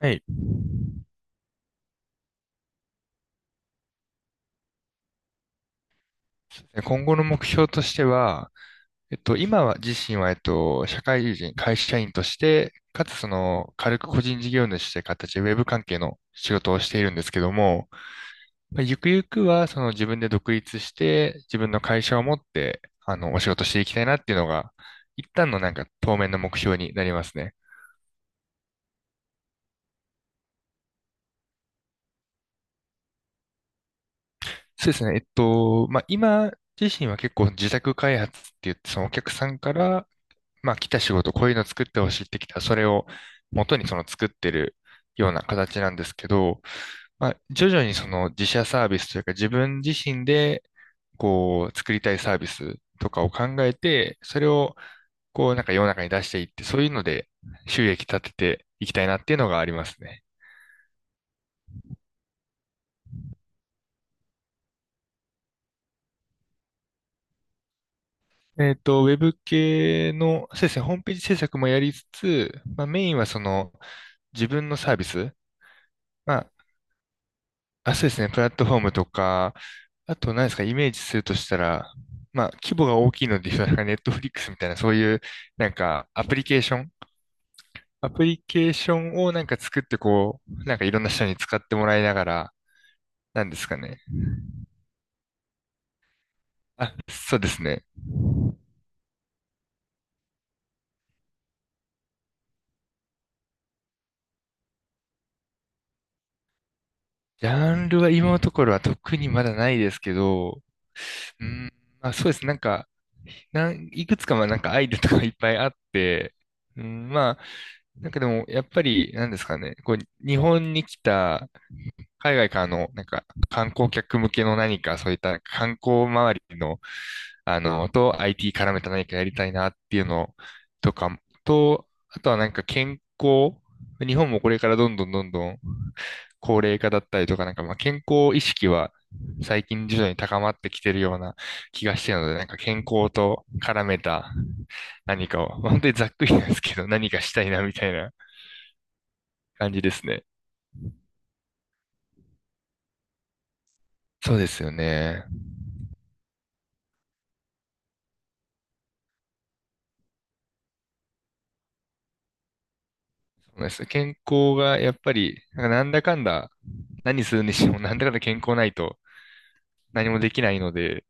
はい。今後の目標としては、今は自身は、社会人、会社員として、かつその、軽く個人事業主という形で、ウェブ関係の仕事をしているんですけども、まあゆくゆくは、その自分で独立して、自分の会社を持って、お仕事していきたいなっていうのが、一旦のなんか、当面の目標になりますね。そうですね。まあ、今自身は結構自宅開発って言って、そのお客さんから、まあ、来た仕事、こういうの作ってほしいってきたそれを元にその作ってるような形なんですけど、まあ、徐々にその自社サービスというか自分自身で、こう、作りたいサービスとかを考えて、それを、こう、なんか世の中に出していって、そういうので収益立てていきたいなっていうのがありますね。ウェブ系の、そうですね、ホームページ制作もやりつつ、まあ、メインはその自分のサービス、まあ、あ、そうですね。プラットフォームとか、あと何ですか、イメージするとしたら、まあ、規模が大きいので言うと、なんかネットフリックスみたいな、そういう、なんか、アプリケーションをなんか作って、こう、なんかいろんな人に使ってもらいながら、なんですかね。あ、そうですね。ジャンルは今のところは特にまだないですけど、うん、まあそうですね。なんか、いくつかまあなんかアイデアとかいっぱいあって、うん、まあ、なんかでも、やっぱり、なんですかね、こう、日本に来た、海外からの、なんか、観光客向けの何か、そういった観光周りの、IT 絡めた何かやりたいなっていうのとか、と、あとはなんか健康、日本もこれからどんどんどんどん高齢化だったりとか、なんかまあ健康意識は最近徐々に高まってきてるような気がしてるので、なんか健康と絡めた何かを、まあ本当にざっくりなんですけど、何かしたいなみたいな感じですね。そうですよね。そうです健康がやっぱり、なんかなんだかんだ、何するにしてもなんだかんだ健康ないと何もできないので、っ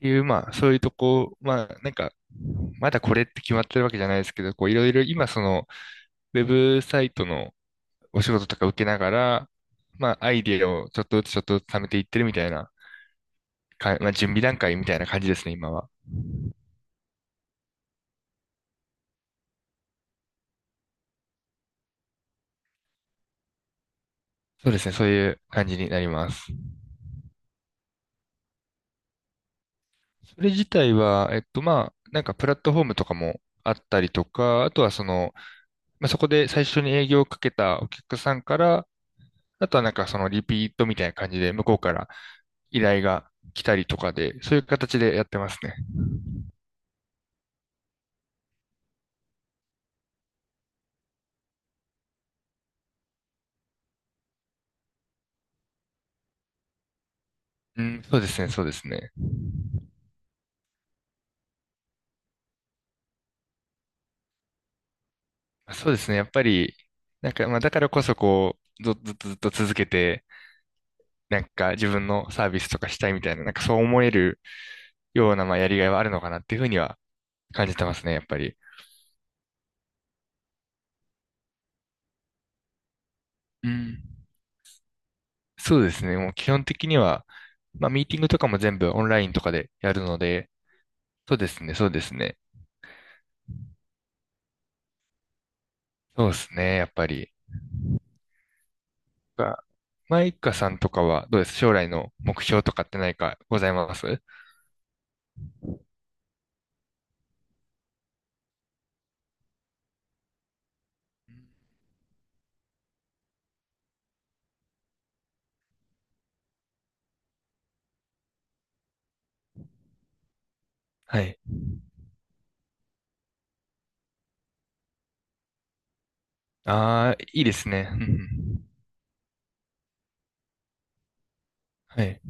ていう、まあ、そういうとこ、まあ、なんか、まだこれって決まってるわけじゃないですけど、こう、いろいろ今、その、ウェブサイトのお仕事とか受けながら、まあ、アイディアをちょっとずつちょっとずつ貯めていってるみたいな、か、まあ、準備段階みたいな感じですね、今は。そうですね、そういう感じになります。それ自体は、まあ、なんかプラットフォームとかもあったりとか、あとはその、まあ、そこで最初に営業をかけたお客さんから、あとはなんかそのリピートみたいな感じで向こうから依頼が来たりとかで、そういう形でやってますね。うん、そうですね、そうですね。そうですね、やっぱり、なんか、まあ、だからこそこう、ずっとずっと続けて、なんか自分のサービスとかしたいみたいな、なんかそう思えるような、まあ、やりがいはあるのかなっていうふうには感じてますね、やっぱり。うん。そうですね、もう基本的には、まあ、ミーティングとかも全部オンラインとかでやるので、そうですね、そうですね。そうですね、やっぱり。がマイカさんとかはどうです将来の目標とかって何かございますうんはい。ああ、いいですね。うんうんはい。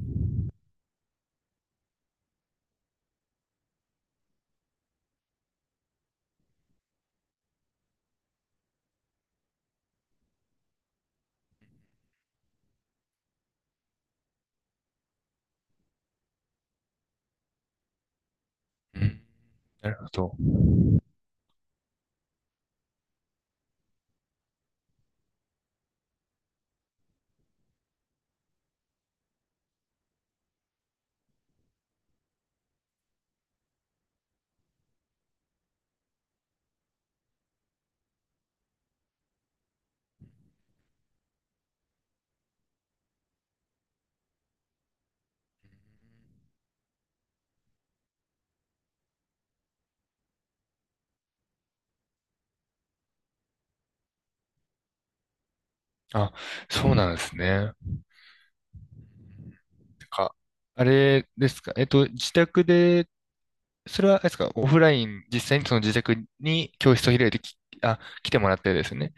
うん、なるほど。あ、そうなんですね。なんか、あれですか。自宅でそれは、あれですか、オフライン、実際にその自宅に教室を開いてき、あ、来てもらってですね。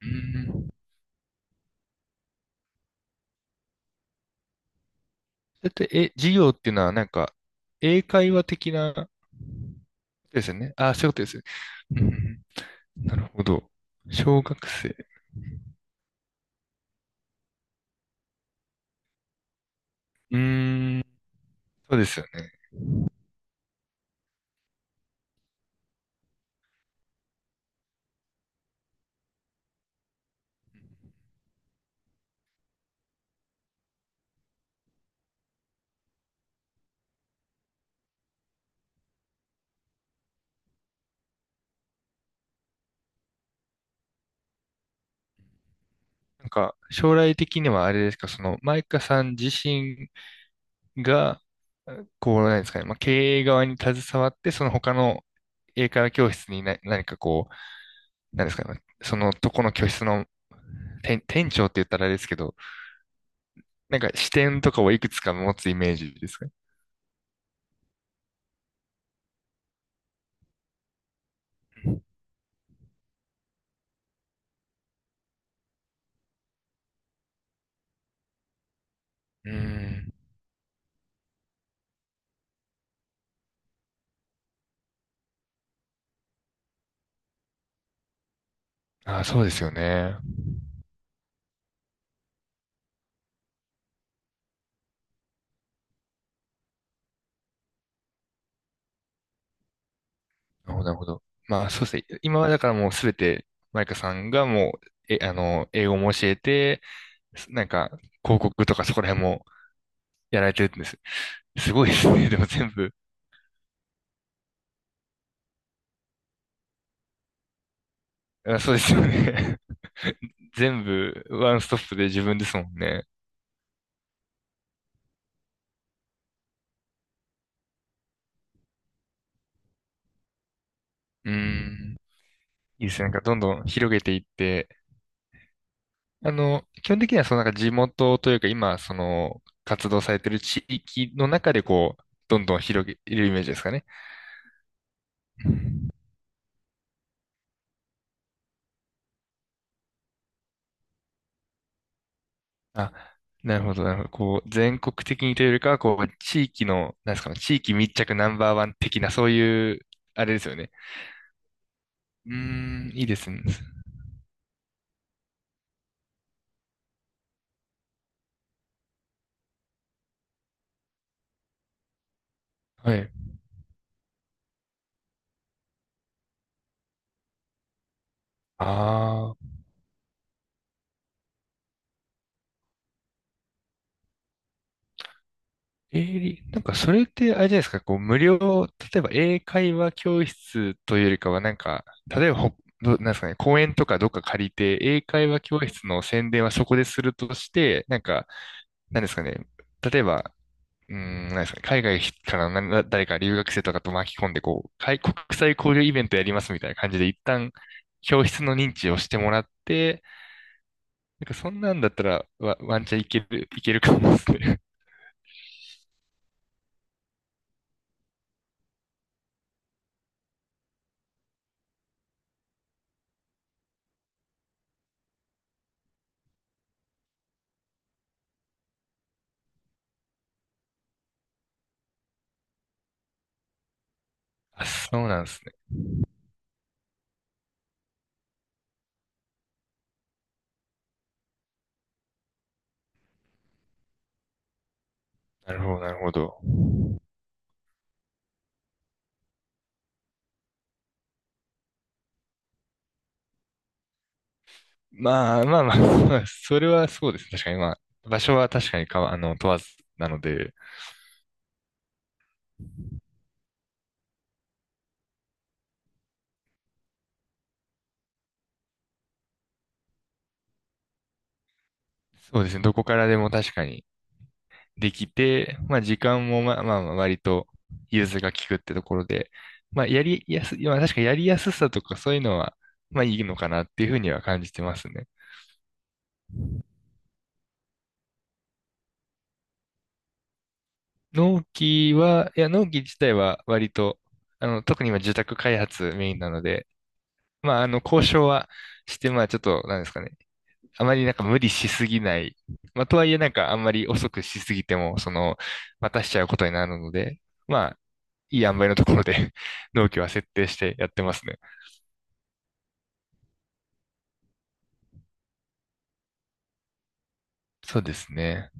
うん。だって、え、授業っていうのは、なんか、英会話的なことですよね。あ、そういうことですよね。うん。なるほど。小学生。うーん。そうですよね。なんか、将来的にはあれですか、その、マイカさん自身が、こう、なんですかね、まあ、経営側に携わって、その他の英会話教室にな何かこなんですかね、そのとこの居室の店長って言ったらあれですけど、なんか視点とかをいくつか持つイメージですかね。うーん。ああ、そうですよね。なるほど、なるほど。まあ、そうですね。今はだからもうすべて、マイカさんがもう、え、英語も教えて、なんか、広告とかそこら辺もやられてるんです。すごいですね。でも全部。あ、そうですよね。全部、ワンストップで自分ですもんね。うーん。いいですね。なんか、どんどん広げていって、基本的にはそのなんか地元というか今、その活動されてる地域の中でこう、どんどん広げるイメージですかね。うんあ、なるほど、なるほど。こう、全国的にというよりかは、こう、地域の、なんですかね、地域密着ナンバーワン的な、そういう、あれですよね。うーん、いいですね。はい。ああ。えー、なんかそれってあれじゃないですか、こう無料、例えば英会話教室というよりかはなんか、例えばほ、ど、なんですかね、公園とかどっか借りて、英会話教室の宣伝はそこでするとして、なんか、なんですかね、例えば、うーん、なんですかね、海外からの誰か留学生とかと巻き込んで、こう、海国際交流イベントやりますみたいな感じで、一旦教室の認知をしてもらって、なんかそんなんだったらワンチャンいける、いけるかもですね。あ、そうなんですねなるほど、なるほど。まあまあまあ、まあ、それはそうですね。確かに、まあ、場所は確かにかわ、問わずなので、そうですね。どこからでも確かにできて、まあ、時間もまあまあ、まあ割と融通が利くってところで、まあ、やりやす、まあ、確かにやりやすさとかそういうのは、まあ、いいのかなっていうふうには感じてますね。納期は、いや、納期自体は割と、特に今住宅開発メインなので、まあ、交渉はして、まあ、ちょっと、なんですかね。あまりなんか無理しすぎない。まあ、とはいえなんかあんまり遅くしすぎても、その、待たしちゃうことになるので、まあ、いい塩梅のところで 納期は設定してやってますね。そうですね。